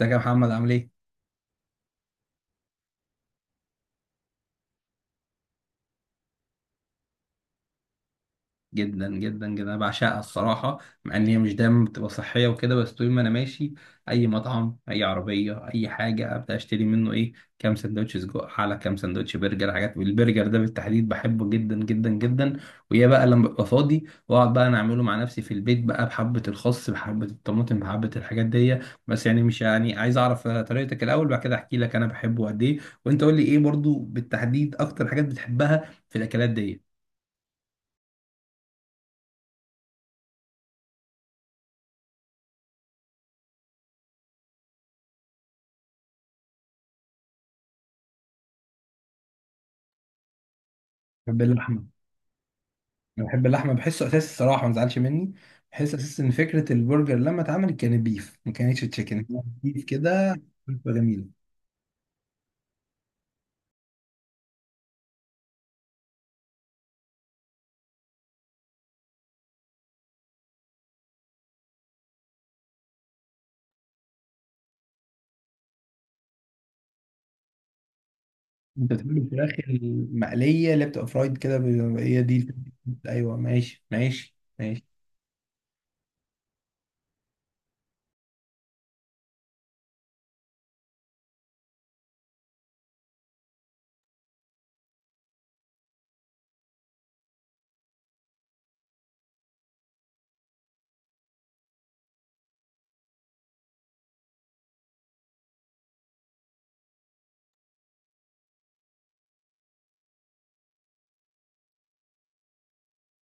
ازيك يا محمد عامل ايه؟ جدا جدا جدا، انا بعشقها الصراحه. مع ان هي مش دايما بتبقى صحيه وكده، بس طول ما انا ماشي اي مطعم، اي عربيه، اي حاجه، ابدا اشتري منه ايه، كام سندوتش سجق، على كام سندوتش برجر، حاجات. والبرجر ده بالتحديد بحبه جدا جدا جدا. ويا بقى لما ببقى فاضي واقعد بقى انا اعمله مع نفسي في البيت بقى، بحبه الخس، بحبه الطماطم، بحبه الحاجات دي. بس يعني مش يعني عايز اعرف طريقتك الاول، بعد كده احكي لك انا بحبه قد ايه. وانت قول لي ايه برضو بالتحديد اكتر حاجات بتحبها في الاكلات دي؟ بحب اللحمه. انا بحب اللحمه، بحسه اساس الصراحه، ما تزعلش مني. بحس اساس ان فكره البرجر لما اتعملت كانت بيف، ما كانتش تشيكن. بيف كده، بتبقى جميله. انت بتحب الفراخ المقليه اللي بتبقى فرايد كده، هي دي الفكرة. ايوه ماشي ماشي ماشي.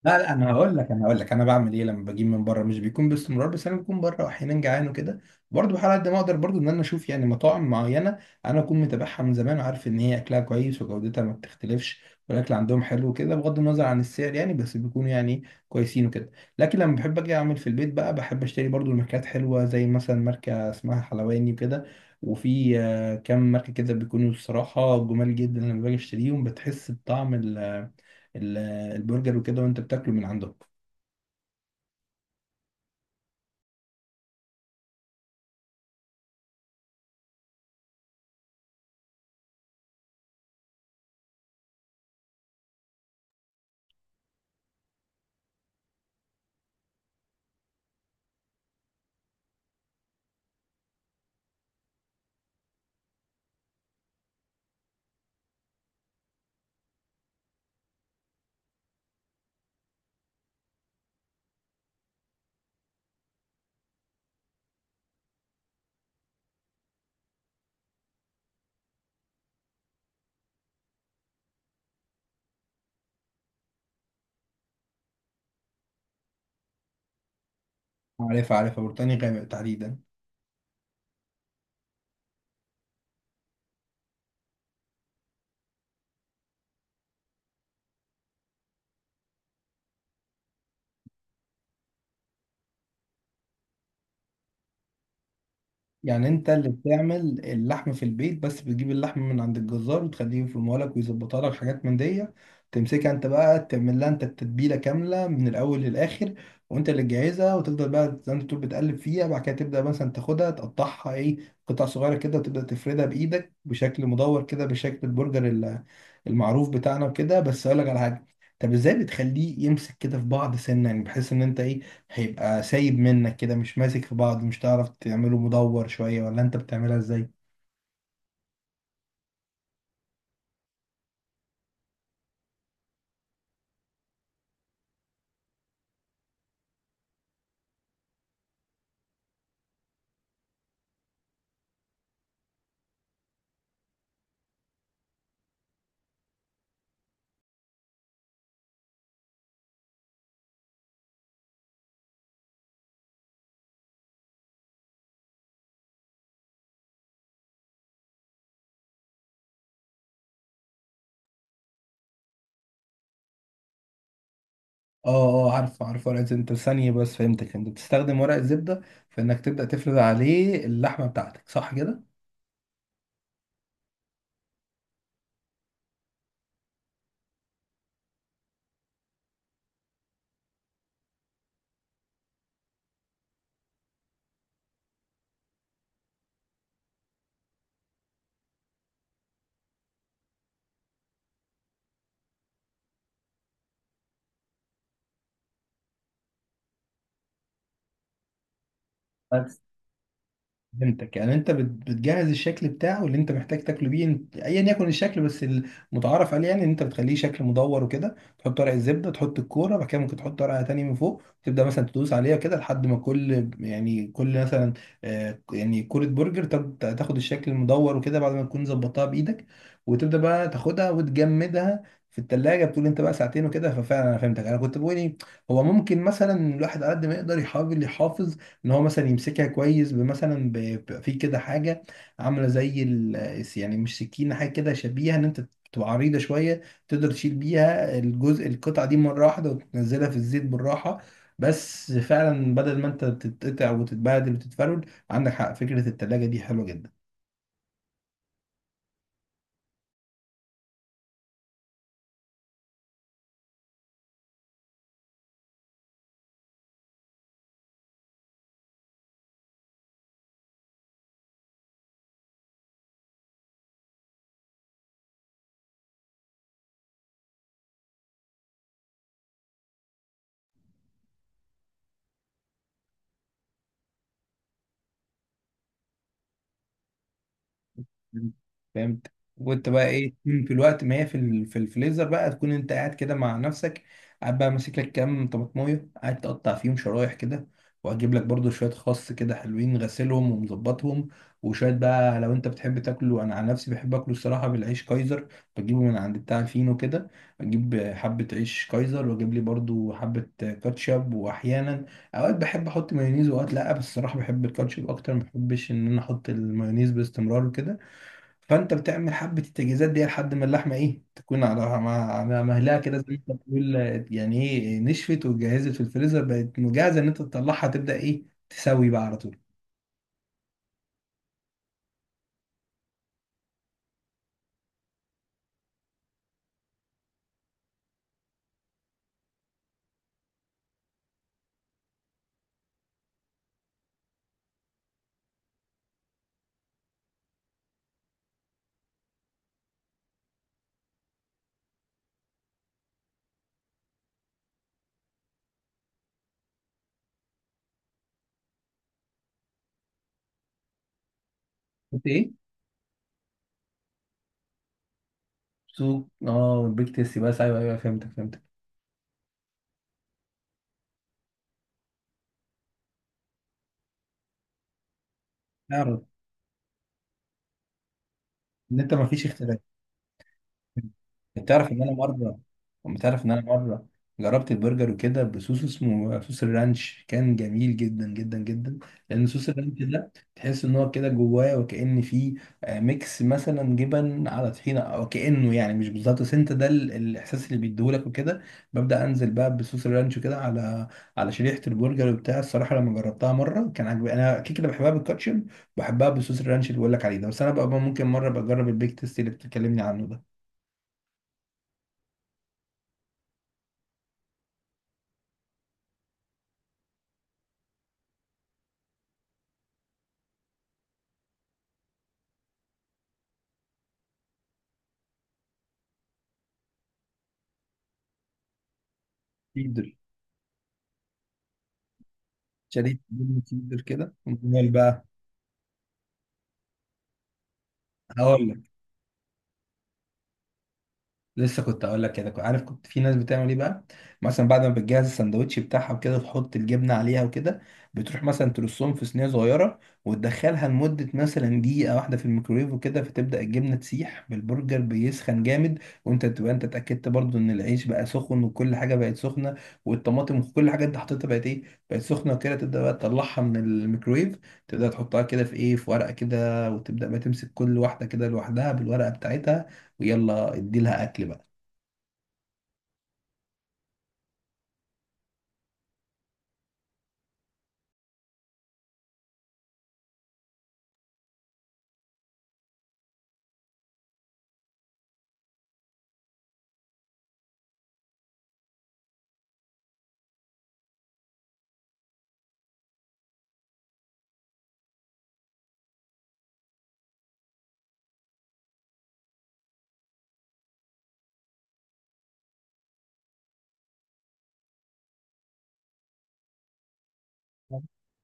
لا لا، انا هقول لك، انا بعمل ايه لما بجيب من بره. مش بيكون باستمرار، بس انا بكون بره واحيانا جعان وكده، برضه بحاول قد ما اقدر برضه ان انا اشوف يعني مطاعم معينه انا اكون متابعها من زمان وعارف ان هي اكلها كويس وجودتها ما بتختلفش، والاكل عندهم حلو كده بغض النظر عن السعر يعني، بس بيكونوا يعني كويسين وكده. لكن لما بحب اجي اعمل في البيت بقى، بحب اشتري برضه الماركات حلوه زي مثلا ماركه اسمها حلواني وكده. وفي كام ماركه كده بيكونوا الصراحه جمال جدا، لما باجي اشتريهم بتحس بطعم ال- البرجر وكده وانت بتاكله من عندهم. عارفها عارفها، بريطانيا غامق تحديدا. يعني انت اللي بتعمل اللحم في البيت، بس بتجيب اللحم من عند الجزار وتخليه يفرمه لك ويظبطها لك حاجات من دي. تمسكها انت بقى، تعمل لها انت التتبيله كامله من الاول للاخر. وانت اللي تجهزها وتفضل بقى زي ما تقول بتقلب فيها، بعد كده تبدا مثلا تاخدها تقطعها ايه قطع صغيره كده، وتبدا تفردها بايدك بشكل مدور كده، بشكل البرجر المعروف بتاعنا وكده. بس اقول لك على حاجه، طب ازاي بتخليه يمسك كده في بعض سنه؟ يعني بحيث ان انت ايه، هيبقى سايب منك كده، مش ماسك في بعض، مش تعرف تعمله مدور شوية، ولا انت بتعملها ازاي؟ اه اه، عارف عارف ورق الزبدة. انت ثانية بس، فهمتك، انت بتستخدم ورق الزبدة في انك تبدأ تفرد عليه اللحمة بتاعتك، صح كده؟ بس فهمتك، يعني انت بتجهز الشكل بتاعه اللي انت محتاج تاكله بيه، ايا يكن الشكل، بس المتعارف عليه يعني ان انت بتخليه شكل مدور وكده. تحط ورق الزبده، تحط الكوره، بعد كده ممكن تحط ورقه تاني من فوق، تبدا مثلا تدوس عليها كده لحد ما كل يعني كل مثلا يعني كوره برجر تاخد الشكل المدور وكده بعد ما تكون ظبطتها بايدك. وتبدا بقى تاخدها وتجمدها في التلاجة، بتقول انت بقى 2 ساعات وكده. ففعلا انا فهمتك. انا كنت بقول ايه، هو ممكن مثلا الواحد على قد ما يقدر يحاول يحافظ ان هو مثلا يمسكها كويس بمثلا بيبقى في كده حاجه عامله زي ال، يعني مش سكينه، حاجه كده شبيهه، ان انت بتبقى عريضه شويه تقدر تشيل بيها الجزء القطعه دي مره واحده وتنزلها في الزيت بالراحه، بس فعلا بدل ما انت تتقطع وتتبهدل وتتفرول. عندك حق، فكره التلاجة دي حلوه جدا. مم. فهمت. وانت بقى ايه تكون في الوقت ما هي في الفريزر بقى، تكون انت قاعد كده مع نفسك، قاعد بقى ماسك لك كام طماطمايه قاعد تقطع فيهم شرايح كده، وهجيب لك برضو شويه خس كده حلوين غسلهم ومظبطهم، وشويه بقى لو انت بتحب تاكله. انا عن نفسي بحب اكله الصراحه بالعيش كايزر، بجيبه من عند بتاع الفينو كده، اجيب حبه عيش كايزر واجيب لي برضو حبه كاتشب. واحيانا اوقات بحب احط مايونيز، واوقات لا، بس الصراحه بحب الكاتشب اكتر، ما بحبش ان انا احط المايونيز باستمرار وكده. فانت بتعمل حبه التجهيزات دي لحد ما اللحمه ايه تكون على مع مهلها كده زي ما انت بتقول، يعني ايه نشفت واتجهزت في الفريزر، بقت مجهزه ان انت تطلعها تبدا ايه تسوي بقى على طول. قلت ايه؟ سوق، اه البيك تيستي بس، ايوه ايوه فهمتك فهمتك. اعرف ان انت ما فيش. انت تعرف ان انا مره انت تعرف ان انا مره جربت البرجر وكده بصوص اسمه صوص الرانش، كان جميل جدا جدا جدا، لان صوص الرانش ده تحس ان هو كده جواه وكأن فيه ميكس مثلا جبن على طحينه، او كأنه يعني مش بالظبط، بس انت ده الاحساس اللي بيديهولك وكده. ببدأ انزل بقى بصوص الرانش كده على شريحه البرجر وبتاع. الصراحه لما جربتها مره كان عجبني. انا كده كده بحبها بالكاتشب، بحبها بصوص الرانش اللي بقول لك عليه ده، بس انا بقى ممكن مره بجرب البيك تيست اللي بتكلمني عنه ده. تيدر، شديد جدا. تيدر كده، امال بقى. هقول لك، لسه كنت اقول لك كده، كنت عارف. كنت في ناس بتعمل ايه بقى، مثلا بعد ما بتجهز السندوتش بتاعها وكده تحط الجبنه عليها وكده، بتروح مثلا ترصهم في صينيه صغيره وتدخلها لمده مثلا 1 دقيقة في الميكرويف وكده، فتبدا الجبنه تسيح بالبرجر بيسخن جامد، وانت تبقى انت اتاكدت برضو ان العيش بقى سخن، وكل حاجه بقت سخنه، والطماطم وكل حاجه انت حطيتها بقت ايه، بقت سخنه وكده. تبدا بقى تطلعها من الميكرويف، تبدا تحطها كده في ايه في ورقه كده، وتبدا بقى تمسك كل واحده كده لوحدها بالورقه بتاعتها، ويلا ادي لها اكل بقى.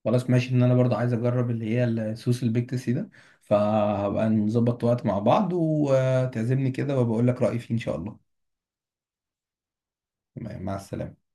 خلاص ماشي، ان انا برضه عايز اجرب اللي هي السوس البيكتسي ده، فهبقى نظبط وقت مع بعض وتعزمني كده، وبقول لك رأيي فيه ان شاء الله. مع السلامة.